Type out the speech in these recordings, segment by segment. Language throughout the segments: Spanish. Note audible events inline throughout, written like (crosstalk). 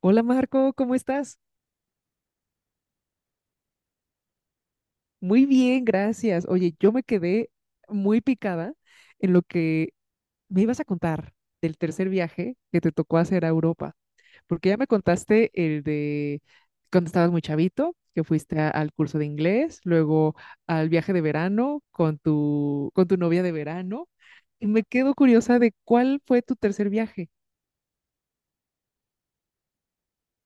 Hola Marco, ¿cómo estás? Muy bien, gracias. Oye, yo me quedé muy picada en lo que me ibas a contar del tercer viaje que te tocó hacer a Europa, porque ya me contaste el de cuando estabas muy chavito, que fuiste al curso de inglés, luego al viaje de verano con con tu novia de verano, y me quedo curiosa de cuál fue tu tercer viaje.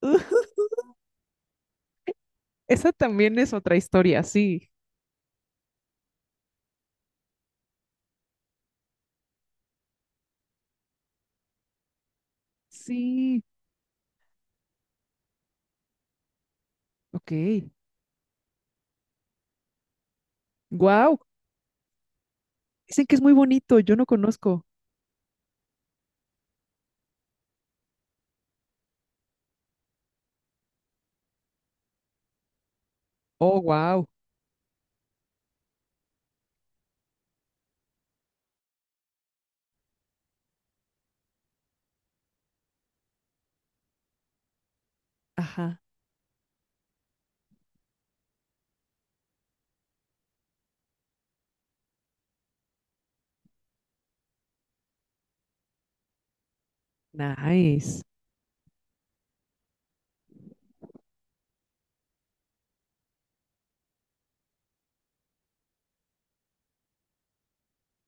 (laughs) Esa también es otra historia, sí. Sí, ok. Wow. Dicen que es muy bonito, yo no conozco. Oh, wow. Ajá, nice.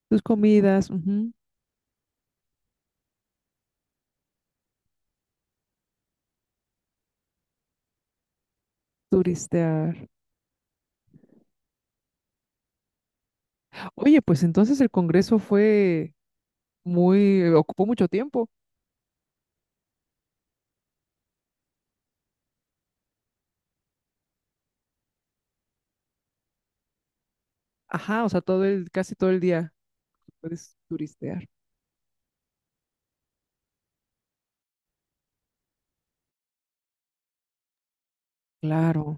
Tus comidas, ujú. Turistear. Oye, pues entonces el congreso fue muy, ocupó mucho tiempo. Ajá, o sea, todo el, casi todo el día puedes turistear. Claro.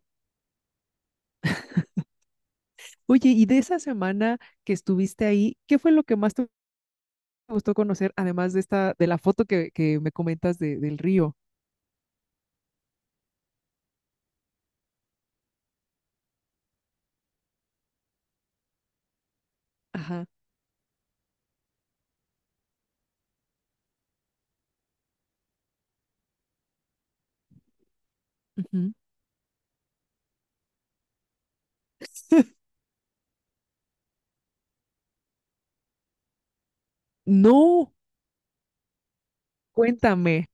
Oye, y de esa semana que estuviste ahí, ¿qué fue lo que más te gustó conocer, además de esta, de la foto que me comentas del río? Ajá. Ujú. (laughs) No, cuéntame.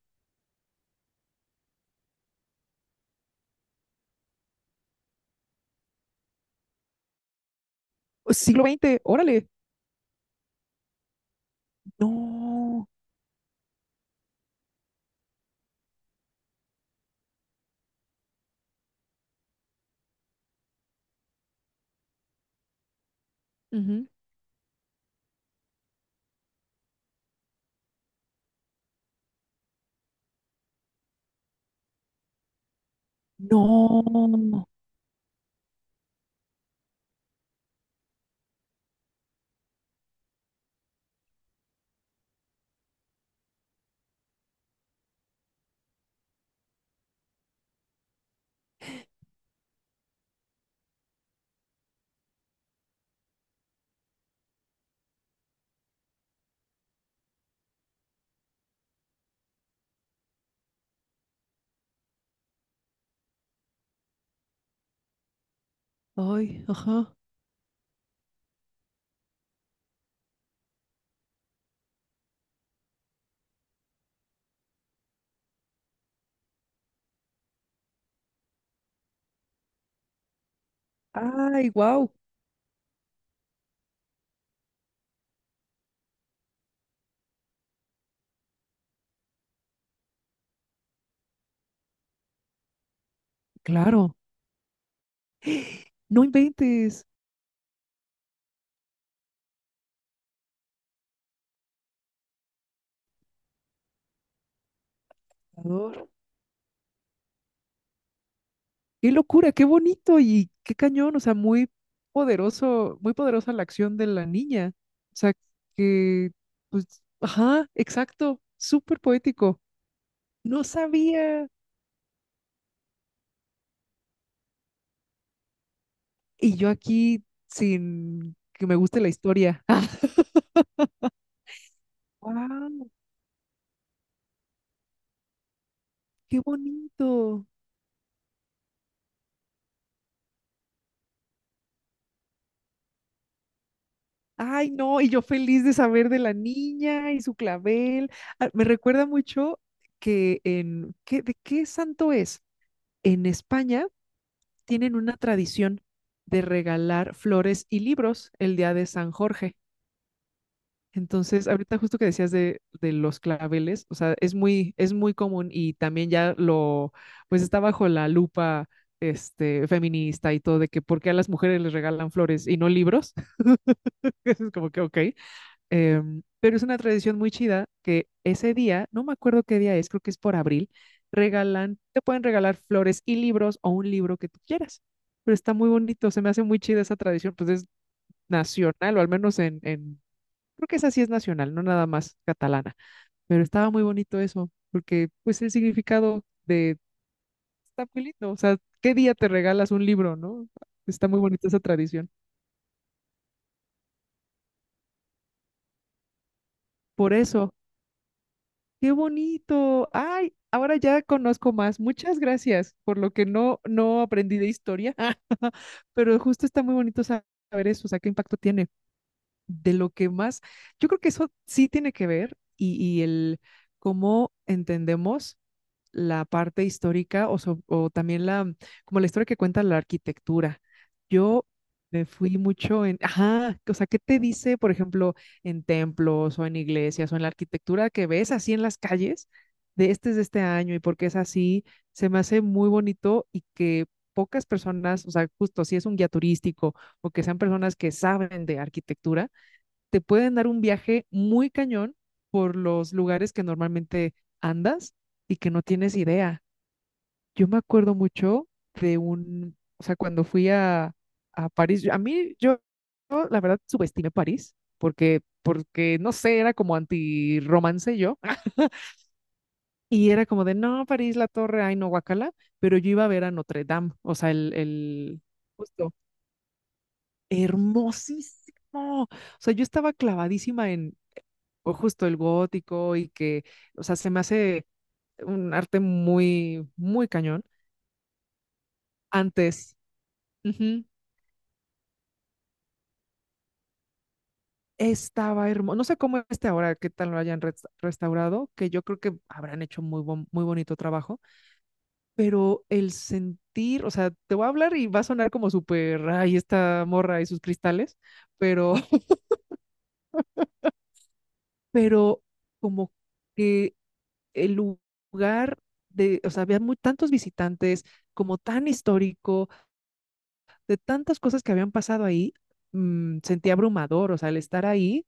Siglo XX, órale. No. Ujú. No. Ay, ajá. Ay, wow. Claro, no inventes. Ador. Qué locura, qué bonito y qué cañón. O sea, muy poderoso, muy poderosa la acción de la niña. O sea, que, pues, ajá, exacto. Súper poético. No sabía. Y yo aquí sin que me guste la historia. (laughs) Wow, qué bonito. Ay, no, y yo feliz de saber de la niña y su clavel. Ah, me recuerda mucho que en, ¿qué, de qué santo es? En España tienen una tradición de regalar flores y libros el día de San Jorge. Entonces, ahorita justo que decías de los claveles, o sea, es muy común y también ya lo, pues está bajo la lupa, este, feminista y todo de que por qué a las mujeres les regalan flores y no libros. (laughs) Es como que, ok. Em, pero es una tradición muy chida que ese día, no me acuerdo qué día es, creo que es por abril, regalan, te pueden regalar flores y libros o un libro que tú quieras. Pero está muy bonito, se me hace muy chida esa tradición, pues es nacional, o al menos creo que esa sí es nacional, no nada más catalana. Pero estaba muy bonito eso, porque pues el significado de, está muy lindo, o sea, ¿qué día te regalas un libro, no? Está muy bonita esa tradición. Por eso. Qué bonito. Ay, ahora ya conozco más. Muchas gracias por lo que no aprendí de historia, (laughs) pero justo está muy bonito saber eso, o sea, qué impacto tiene. De lo que más, yo creo que eso sí tiene que ver y el cómo entendemos la parte histórica o, o también la, como la historia que cuenta la arquitectura. Yo me fui mucho en, ajá, o sea, ¿qué te dice, por ejemplo, en templos o en iglesias o en la arquitectura que ves así en las calles de este es de este año y por qué es así? Se me hace muy bonito y que pocas personas, o sea, justo si es un guía turístico o que sean personas que saben de arquitectura te pueden dar un viaje muy cañón por los lugares que normalmente andas y que no tienes idea. Yo me acuerdo mucho de un, o sea, cuando a París, yo, la verdad subestimé París porque, porque, no sé, era como anti-romance yo. Y era como de, no, París, la torre, ay, no, guacala, pero yo iba a ver a Notre Dame, o sea, justo, hermosísimo. O sea, yo estaba clavadísima en, o justo el gótico y que, o sea, se me hace un arte muy, muy cañón. Antes, ujú, estaba hermoso. No sé cómo este ahora, qué tal lo hayan restaurado, que yo creo que habrán hecho muy, muy bonito trabajo, pero el sentir, o sea, te voy a hablar y va a sonar como súper, ay, esta morra y sus cristales, pero, (laughs) pero como que el lugar de, o sea, había muy, tantos visitantes, como tan histórico de tantas cosas que habían pasado ahí, sentí abrumador, o sea, el estar ahí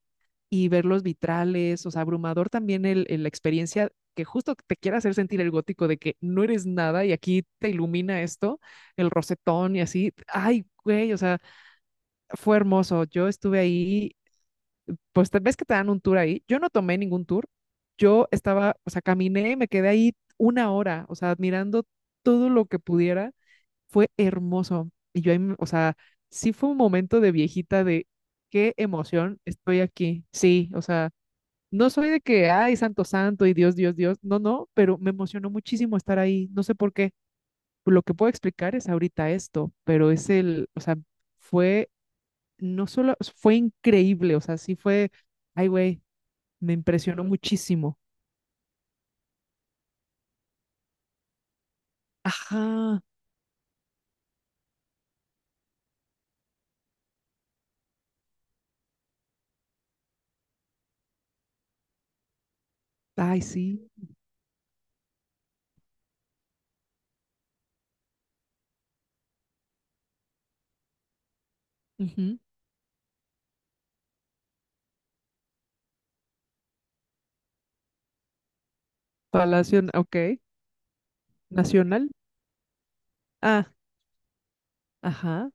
y ver los vitrales, o sea, abrumador también la experiencia que justo te quiere hacer sentir el gótico de que no eres nada y aquí te ilumina esto, el rosetón y así. Ay, güey, o sea, fue hermoso. Yo estuve ahí, pues ves que te dan un tour ahí. Yo no tomé ningún tour. Yo estaba, o sea, caminé, me quedé ahí una hora, o sea, admirando todo lo que pudiera fue hermoso. Y yo, o sea, sí fue un momento de viejita de qué emoción estoy aquí. Sí, o sea, no soy de que, ay, santo, santo y Dios, Dios, Dios. No, no, pero me emocionó muchísimo estar ahí. No sé por qué. Lo que puedo explicar es ahorita esto, pero es el, o sea, fue, no solo, fue increíble, o sea, sí fue, ay, güey, me impresionó muchísimo. Ajá, ay, sí. Ujú. Palacio, ok. Nacional. Ah, ajá.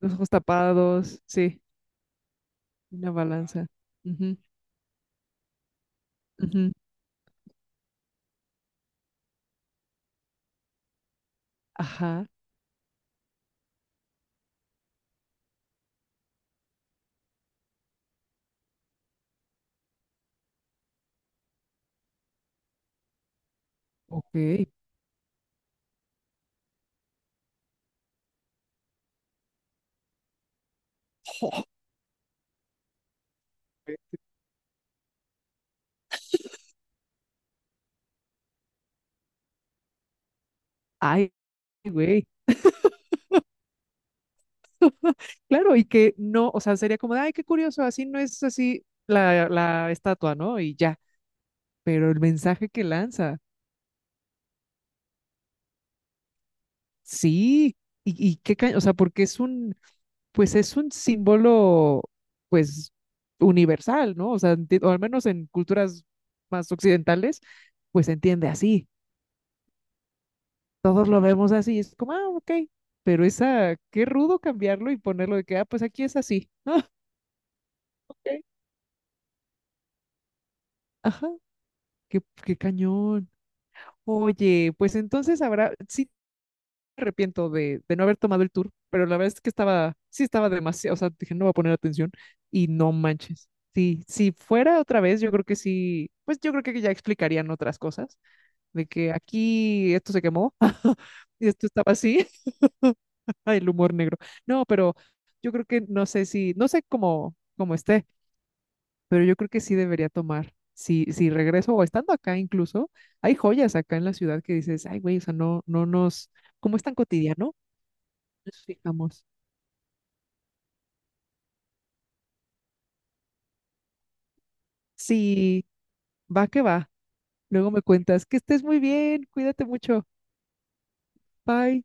Los ojos tapados, sí, una balanza. Ujú, ujú. Ajá, ok. Ay, güey. Claro, y que no, o sea, sería como de, ay, qué curioso, así no es así la, la estatua, ¿no? Y ya, pero el mensaje que lanza, sí, y qué, o sea, porque es un, pues es un símbolo, pues, universal, ¿no? O sea, o al menos en culturas más occidentales, pues se entiende así. Todos lo vemos así, es como, ah, ok, pero esa, qué rudo cambiarlo y ponerlo de que, ah, pues aquí es así. (laughs) Ah, ok, ajá, qué, qué cañón. Oye, pues entonces habrá, sí me arrepiento de no haber tomado el tour, pero la verdad es que estaba, sí estaba demasiado, o sea, dije, no voy a poner atención y no manches. Sí, si fuera otra vez, yo creo que sí, pues yo creo que ya explicarían otras cosas, de que aquí esto se quemó, (laughs) y esto estaba así. (laughs) Ay, el humor negro. No, pero yo creo que no sé si, no sé cómo, cómo esté, pero yo creo que sí debería tomar. Si, si regreso o estando acá incluso, hay joyas acá en la ciudad que dices, ay, güey, o sea, no, como es tan cotidiano, nos fijamos. Sí, va que va. Luego me cuentas que estés muy bien, cuídate mucho. Bye.